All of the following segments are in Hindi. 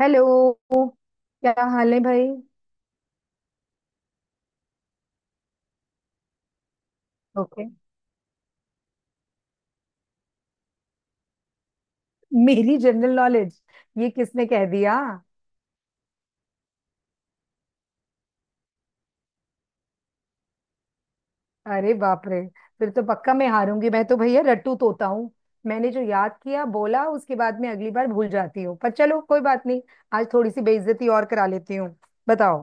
हेलो। क्या हाल है भाई। ओके। मेरी जनरल नॉलेज? ये किसने कह दिया? अरे बाप रे! फिर तो पक्का मैं हारूंगी। मैं तो भैया रट्टू तोता हूँ। मैंने जो याद किया बोला, उसके बाद में अगली बार भूल जाती हूँ। पर चलो, कोई बात नहीं। आज थोड़ी सी बेइज्जती और करा लेती हूँ। बताओ,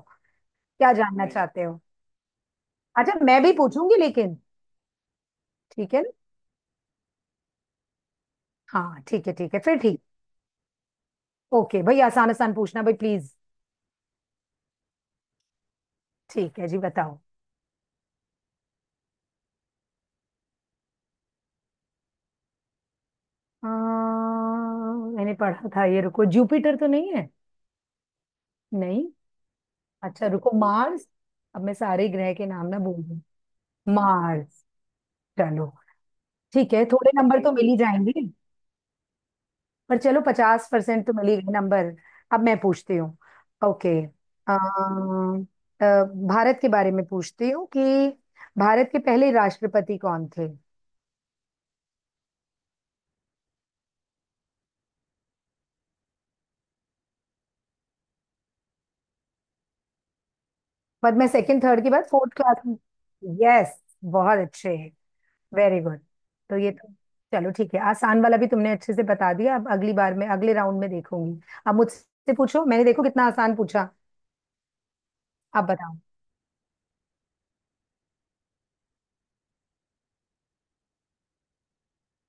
क्या जानना चाहते हो। अच्छा, मैं भी पूछूंगी लेकिन। ठीक है ना। हाँ, ठीक है, ठीक है फिर, ठीक। ओके भाई, आसान आसान पूछना भाई, प्लीज। ठीक है जी, बताओ। अ, मैंने पढ़ा था, ये, रुको, जुपिटर तो नहीं है? नहीं। अच्छा, रुको, मार्स। अब मैं सारे ग्रह के नाम ना बोल दूँ। मार्स। चलो ठीक है, थोड़े नंबर तो मिल ही जाएंगे। पर चलो, 50% तो मिल ही गए नंबर। अब मैं पूछती हूँ। ओके। भारत के बारे में पूछती हूँ कि भारत के पहले राष्ट्रपति कौन थे? पर मैं सेकंड थर्ड के बाद फोर्थ क्लास में। यस, बहुत अच्छे, वेरी गुड। तो ये तो। चलो ठीक है, आसान वाला भी तुमने अच्छे से बता दिया। अब अगली बार में अगले राउंड में देखूंगी। अब मुझसे पूछो। मैंने देखो कितना आसान पूछा। अब बताओ।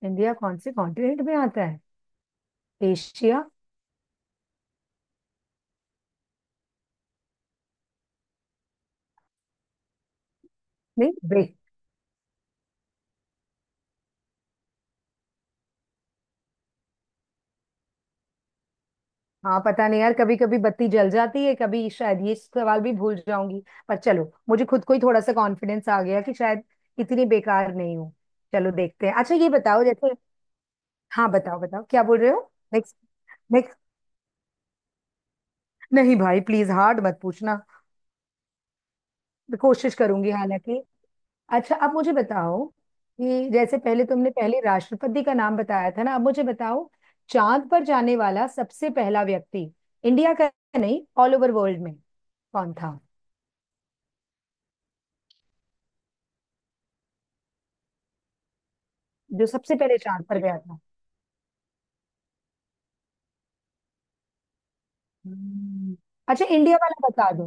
इंडिया कौन से कॉन्टिनेंट में आता है? एशिया। नहीं बे। हाँ, पता नहीं यार, कभी कभी बत्ती जल जाती है। कभी शायद ये सवाल भी भूल जाऊंगी। पर चलो, मुझे खुद को ही थोड़ा सा कॉन्फिडेंस आ गया कि शायद इतनी बेकार नहीं हूँ। चलो देखते हैं। अच्छा, ये बताओ, जैसे। हाँ, बताओ बताओ, क्या बोल रहे हो। नेक्स्ट। नेक्स्ट। नहीं भाई, प्लीज हार्ड मत पूछना। मैं कोशिश करूंगी हालांकि। अच्छा, अब मुझे बताओ कि जैसे पहले तुमने पहले राष्ट्रपति का नाम बताया था ना, अब मुझे बताओ। चांद पर जाने वाला सबसे पहला व्यक्ति, इंडिया का नहीं, ऑल ओवर वर्ल्ड में, कौन था? जो सबसे पहले चांद पर गया था। हम्म। अच्छा, इंडिया वाला बता दो।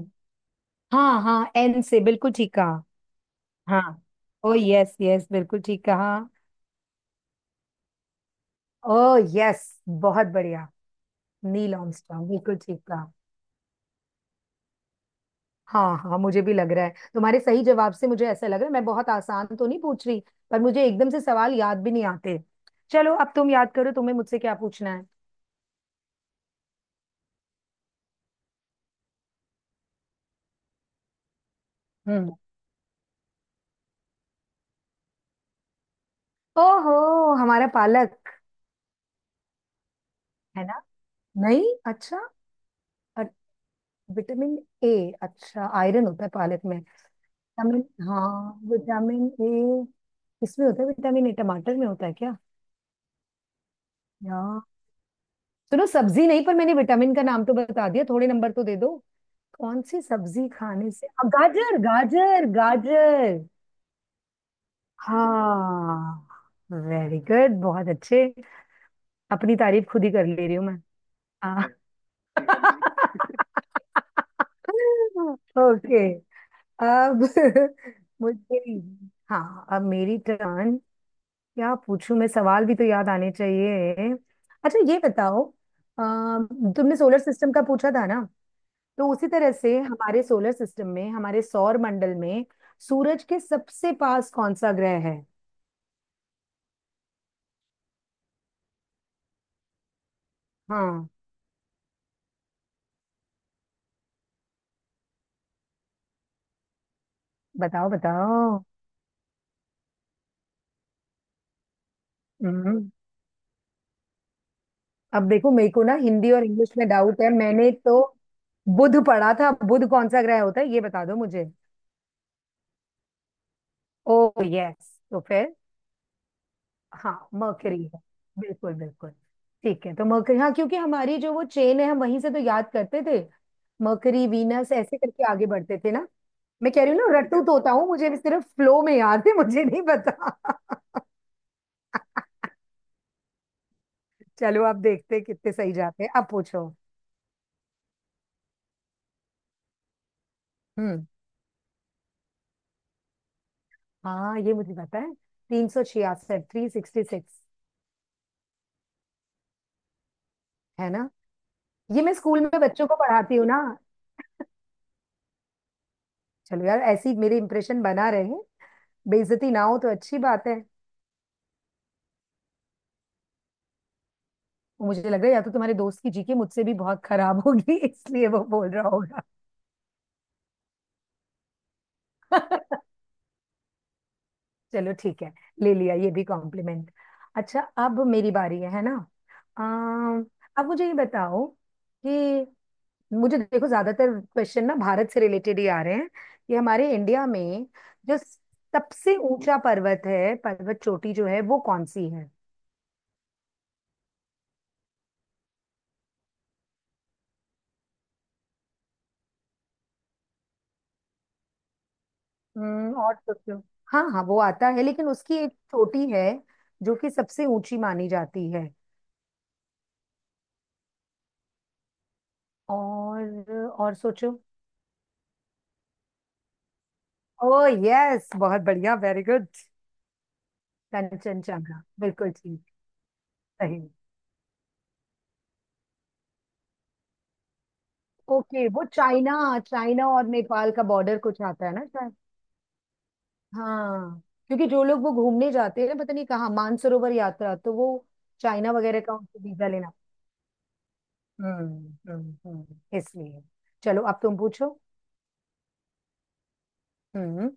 हाँ हाँ, एन से, बिल्कुल ठीक कहा। हाँ। ओ यस यस, बिल्कुल ठीक कहा। ओ यस, बहुत बढ़िया। नील आर्मस्ट्रॉन्ग, बिल्कुल ठीक। हाँ हाँ, मुझे भी लग रहा है। तुम्हारे सही जवाब से मुझे ऐसा लग रहा है, मैं बहुत आसान तो नहीं पूछ रही। पर मुझे एकदम से सवाल याद भी नहीं आते। चलो, अब तुम याद करो तुम्हें मुझसे क्या पूछना है। हम्म। ओहो, हमारा पालक, है ना? नहीं। अच्छा। अ- विटामिन ए। अच्छा, आयरन होता है पालक में। विटामिन। हाँ, विटामिन ए किसमें होता है? विटामिन ए टमाटर में होता है क्या? यार, सुनो, सब्जी नहीं, पर मैंने विटामिन का नाम तो बता दिया, थोड़े नंबर तो दे दो। कौन सी सब्जी खाने से, गाजर गाजर गाजर। हाँ। वेरी गुड, बहुत अच्छे। अपनी तारीफ खुद ही कर ले रही हूँ मैं। हाँ। ओके। अब मुझे। हाँ, अब मेरी टर्न। क्या पूछूं? मैं सवाल भी तो याद आने चाहिए। अच्छा, ये बताओ। अ, तुमने सोलर सिस्टम का पूछा था ना। तो उसी तरह से हमारे सोलर सिस्टम में, हमारे सौर मंडल में, सूरज के सबसे पास कौन सा ग्रह है? हाँ, बताओ बताओ। हम्म। अब देखो, मेरे को ना हिंदी और इंग्लिश में डाउट है। मैंने तो बुध पढ़ा था। बुध कौन सा ग्रह होता है ये बता दो मुझे। ओ यस, तो फिर। हाँ, मर्करी है, बिल्कुल बिल्कुल। ठीक है, तो मर्करी। हाँ, क्योंकि हमारी जो वो चेन है, हम वहीं से तो याद करते थे। मर्करी, वीनस, ऐसे करके आगे बढ़ते थे ना। मैं कह रही हूँ ना, रट्टू तोता हूँ। मुझे भी सिर्फ फ्लो में याद है, मुझे नहीं पता। चलो, आप देखते हैं कितने सही जाते हैं। अब पूछो। हम्म। हाँ, ये मुझे पता है। 366, 366। है ना? ये मैं स्कूल में बच्चों को पढ़ाती हूँ ना। चलो यार, ऐसी मेरे इंप्रेशन बना रहे। बेइज्जती ना हो तो अच्छी बात है। वो मुझे लग रहा है, या तो तुम्हारे दोस्त की जीके मुझसे भी बहुत खराब होगी इसलिए वो बोल रहा होगा। चलो ठीक है, ले लिया ये भी कॉम्प्लीमेंट। अच्छा। अब मेरी बारी है ना? अम, अब मुझे ये बताओ कि मुझे देखो ज्यादातर क्वेश्चन ना भारत से रिलेटेड ही आ रहे हैं, कि हमारे इंडिया में जो सबसे ऊंचा पर्वत है, पर्वत चोटी जो है वो कौन सी है? हम्म, और सोचो। हाँ हाँ, वो आता है, लेकिन उसकी एक चोटी है जो कि सबसे ऊंची मानी जाती है। और सोचो। ओ यस, बहुत बढ़िया, वेरी गुड। कंचन चांगा, बिल्कुल ठीक। सही। ओके, वो चाइना। चाइना और नेपाल का बॉर्डर कुछ आता है ना शायद। हाँ, क्योंकि जो लोग वो घूमने जाते हैं ना, पता नहीं कहाँ, मानसरोवर यात्रा, तो वो चाइना वगैरह का उनको वीजा लेना। हम्म, इसलिए। चलो, अब तुम पूछो। हम्म।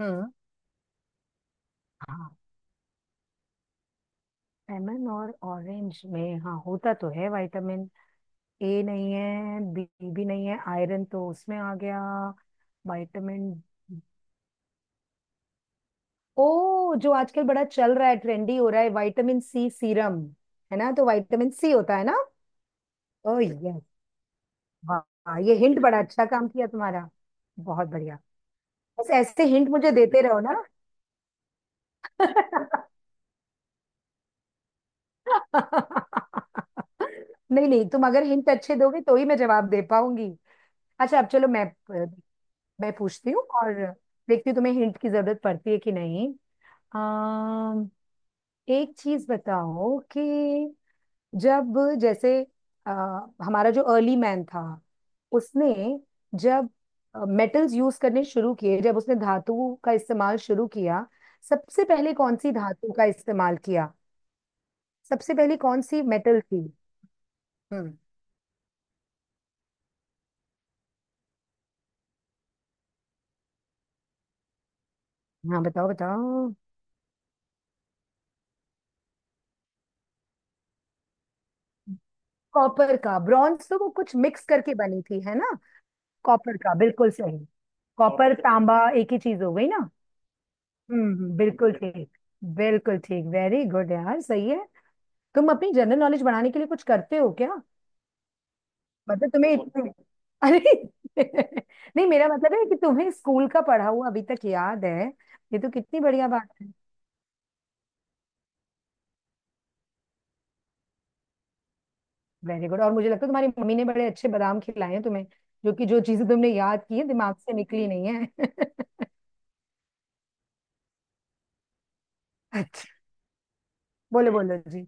हम्म। हाँ, लेमन और ऑरेंज में, हाँ होता तो है विटामिन। ए नहीं है, बी भी नहीं है, आयरन तो उसमें आ गया। विटामिन। ओ, जो आजकल बड़ा चल रहा है, ट्रेंडी हो रहा है, विटामिन सी सीरम, है ना? तो विटामिन सी होता है ना। ओ यस। वाह, ये हिंट बड़ा अच्छा काम किया तुम्हारा। बहुत बढ़िया। बस ऐसे हिंट मुझे देते रहो ना। नहीं नहीं, तुम अगर हिंट अच्छे दोगे तो ही मैं जवाब दे पाऊंगी। अच्छा, अब चलो, मैं पूछती हूँ और देखती हूँ तुम्हें हिंट की जरूरत पड़ती है कि नहीं। अम, एक चीज बताओ कि, जब, जैसे, अ, हमारा जो अर्ली मैन था, उसने जब मेटल्स यूज करने शुरू किए, जब उसने धातु का इस्तेमाल शुरू किया, सबसे पहले कौन सी धातु का इस्तेमाल किया? सबसे पहले कौन सी मेटल थी? हम्म। हाँ, बताओ बताओ। कॉपर का। ब्रॉन्ज तो वो कुछ मिक्स करके बनी थी, है ना? कॉपर का, बिल्कुल सही। कॉपर तांबा एक ही चीज हो गई ना। हम्म, बिल्कुल ठीक। बिल्कुल ठीक, वेरी गुड यार, सही है। तुम अपनी जनरल नॉलेज बढ़ाने के लिए कुछ करते हो क्या? मतलब तुम्हें इतने, अरे, नहीं, मेरा मतलब है कि तुम्हें स्कूल का पढ़ा हुआ अभी तक याद है। ये तो कितनी बढ़िया बात है। वेरी गुड, और मुझे लगता है तुम्हारी मम्मी ने बड़े अच्छे बादाम खिलाए हैं तुम्हें, जो कि जो चीजें तुमने याद की है दिमाग से निकली नहीं है। अच्छा। बोलो बोलो जी।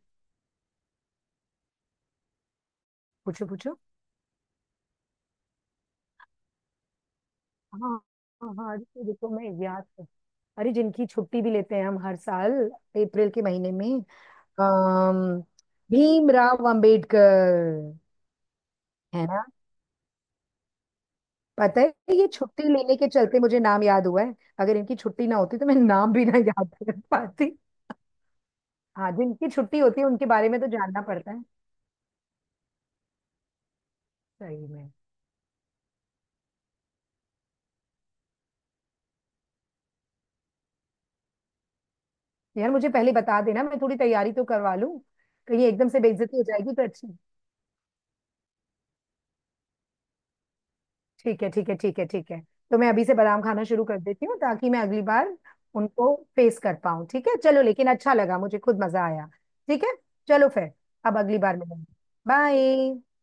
पूछो पूछो। हाँ हाँ, हाँ, रुको रुको, अरे, जिनकी छुट्टी भी लेते हैं हम हर साल, अप्रैल के महीने में। अम्म, भीमराव अंबेडकर। है ना? पता है, ये छुट्टी लेने के चलते मुझे नाम याद हुआ है। अगर इनकी छुट्टी ना होती तो मैं नाम भी ना याद कर पाती। हाँ, जिनकी छुट्टी होती है उनके बारे में तो जानना पड़ता है। सही में। यार मुझे पहले बता देना, मैं थोड़ी तैयारी तो करवा लूं। कहीं एकदम से बेइज्जती हो जाएगी तो अच्छी। ठीक है, ठीक है, ठीक है, ठीक है। तो मैं अभी से बादाम खाना शुरू कर देती हूँ ताकि मैं अगली बार उनको फेस कर पाऊँ। ठीक है चलो, लेकिन अच्छा लगा, मुझे खुद मजा आया। ठीक है। चलो फिर। अब अगली बार मिलेंगे। बाय।